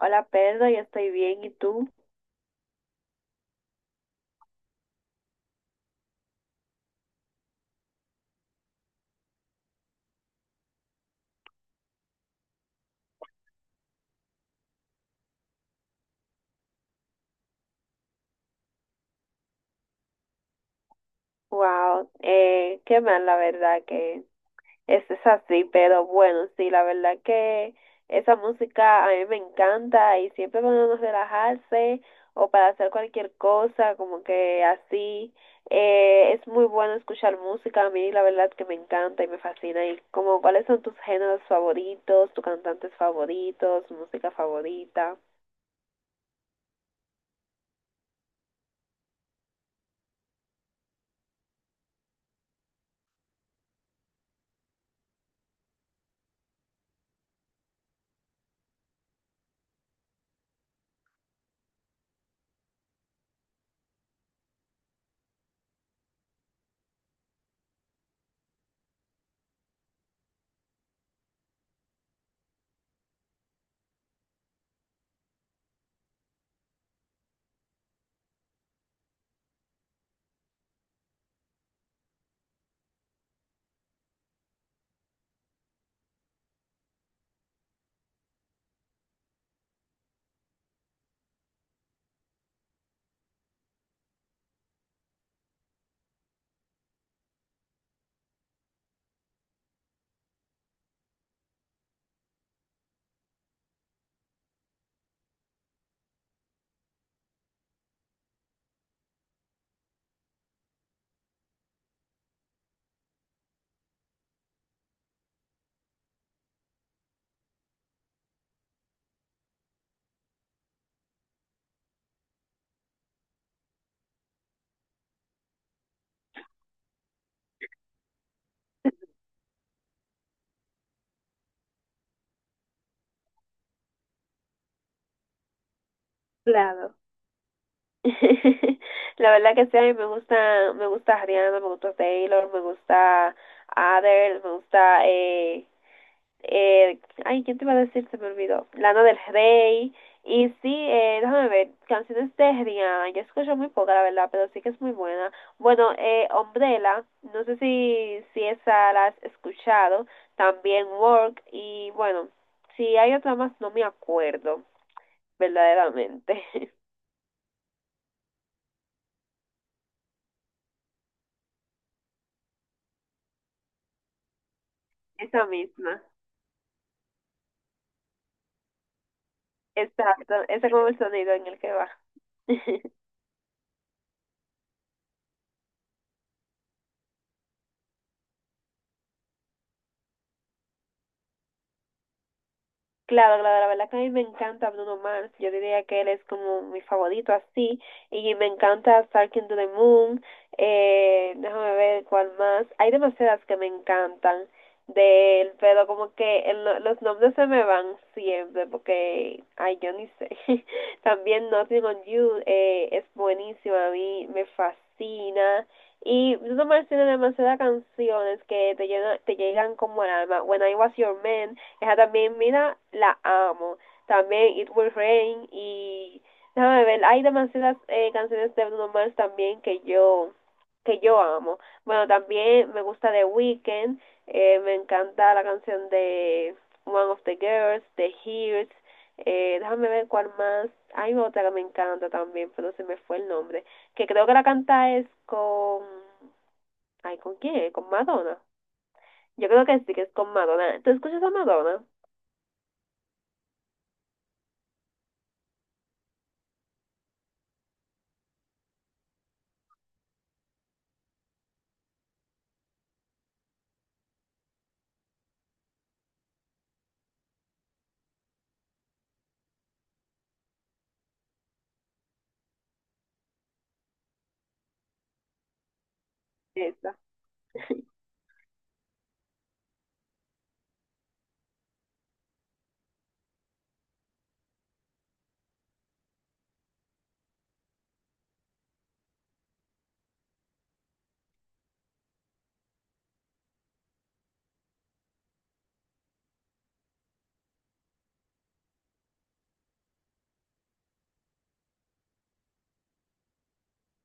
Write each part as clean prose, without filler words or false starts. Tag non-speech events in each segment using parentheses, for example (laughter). Hola Pedro, yo estoy bien, ¿y tú? Wow, qué mal la verdad que eso es así, pero bueno, sí, la verdad que esa música a mí me encanta y siempre cuando uno relajarse o para hacer cualquier cosa, como que así, es muy bueno escuchar música, a mí la verdad que me encanta y me fascina. ¿Y como cuáles son tus géneros favoritos, tus cantantes favoritos, música favorita? Claro. (laughs) La verdad que sí, a mí me gusta Rihanna, me gusta Taylor, me gusta Adele, me gusta, eh, ay, ¿quién te iba a decir? Se me olvidó. Lana del Rey. Y sí, déjame ver, canciones de Rihanna, yo escucho muy poca, la verdad, pero sí que es muy buena. Bueno, Umbrella, no sé si esa la has escuchado, también Work, y bueno, si hay otra más, no me acuerdo, verdaderamente. (laughs) Esa misma. Exacto, ese es como el sonido en el que va. (laughs) Claro, claro, la verdad que a mí me encanta Bruno Mars. Yo diría que él es como mi favorito así. Y me encanta Starking to the Moon. Déjame ver cuál más. Hay demasiadas que me encantan de él, pero como que el no- los nombres se me van siempre porque, ay, yo ni sé. (laughs) También Nothing on You es buenísimo, a mí me fascina. Y Bruno Mars tiene demasiadas canciones que te, te llegan como al alma. When I Was Your Man. Esa también, mira, la amo. También It Will Rain y déjame ver, hay demasiadas canciones de Bruno Mars también que yo amo. Bueno, también me gusta The Weeknd, me encanta la canción de One of the Girls, The Hears, déjame ver cuál más. Hay otra que me encanta también, pero se me fue el nombre. Que creo que la canta es con... Ay, ¿con quién? ¿Con Madonna? Yo creo que sí, que es con Madonna. ¿Tú escuchas a Madonna? Sí.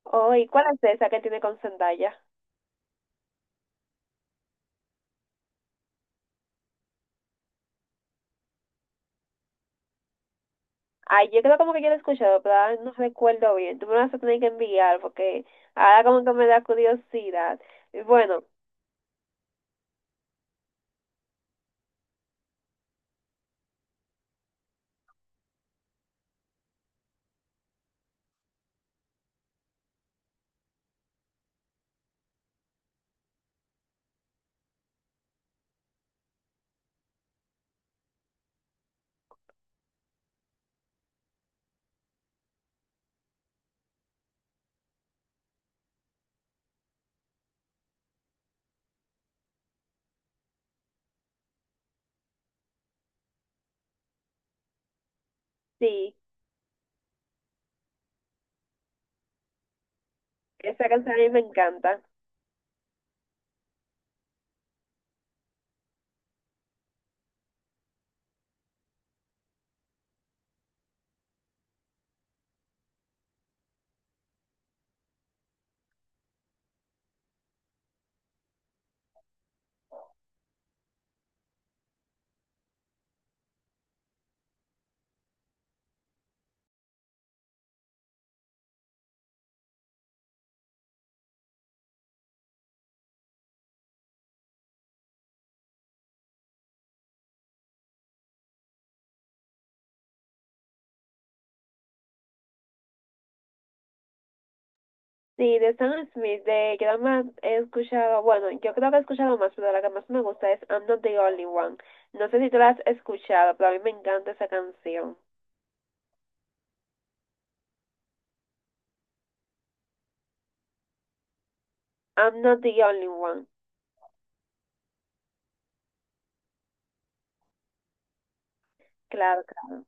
Oh, ¿y cuál es esa que tiene con Zendaya? Ay, yo creo como que yo la he escuchado, pero ahora no recuerdo bien. Tú me vas a tener que enviar porque ahora como que me da curiosidad. Y bueno, sí, esa canción a mí me encanta. Sí, de Sam Smith, de que nada más he escuchado, bueno, yo creo que he escuchado más, pero la que más me gusta es I'm Not the Only One. No sé si tú la has escuchado, pero a mí me encanta esa canción. I'm Not the Only One. Claro, claro.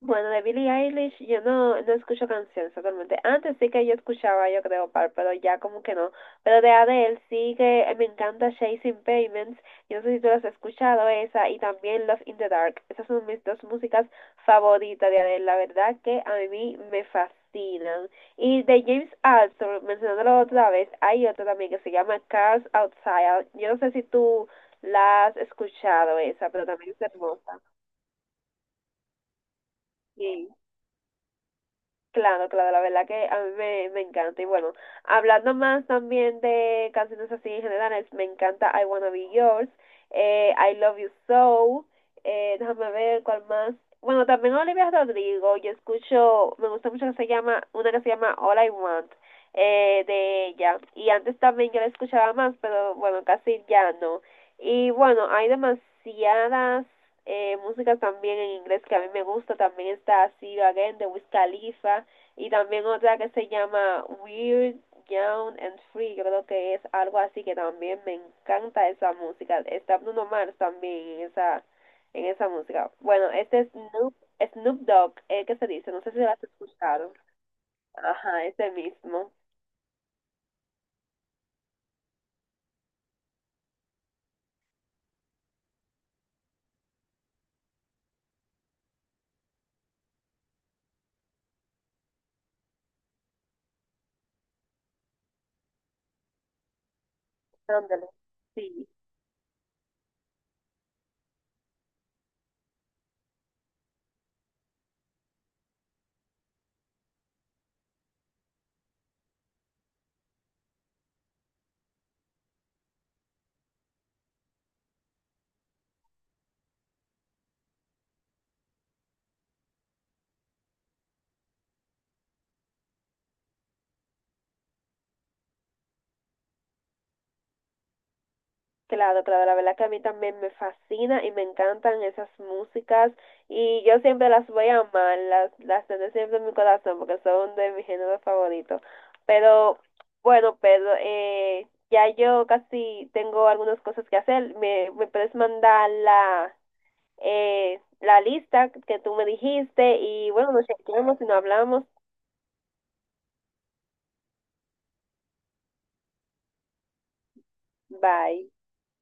Bueno, de Billie Eilish yo no, no escucho canciones totalmente. Antes sí que yo escuchaba, yo creo, par, pero ya como que no. Pero de Adele sí que me encanta Chasing Payments. Yo no sé si tú las has escuchado esa y también Love in the Dark. Esas son mis dos músicas favoritas de Adele. La verdad que a mí me fascinan. Y de James Arthur, mencionándolo otra vez, hay otra también que se llama Cars Outside. Yo no sé si tú la has escuchado esa, pero también es hermosa. Sí. Claro, claro, la verdad que a mí me, me encanta. Y bueno, hablando más también de canciones así en general, me encanta I Wanna Be Yours, I Love You So, déjame ver cuál más. Bueno, también Olivia Rodrigo, yo escucho, me gusta mucho que se llama, una que se llama All I Want, de ella. Y antes también yo la escuchaba más, pero bueno, casi ya no. Y bueno, hay demasiadas músicas también en inglés que a mí me gusta. También está See You Again de Wiz Khalifa. Y también otra que se llama Weird, Young and Free, yo creo que es algo así que también me encanta esa música. Está Bruno Mars también en esa música. Bueno, este es Snoop Dogg, que se dice, no sé si lo has escuchado. Ajá, ese mismo. Ándale. Sí. Claro, claro, la verdad que a mí también me fascina y me encantan esas músicas y yo siempre las voy a amar, las tendré siempre en mi corazón porque son de mi género favorito. Pero bueno, Pedro, ya yo casi tengo algunas cosas que hacer. Me puedes mandar la, la lista que tú me dijiste y bueno, nos chequeamos y nos hablamos. Bye.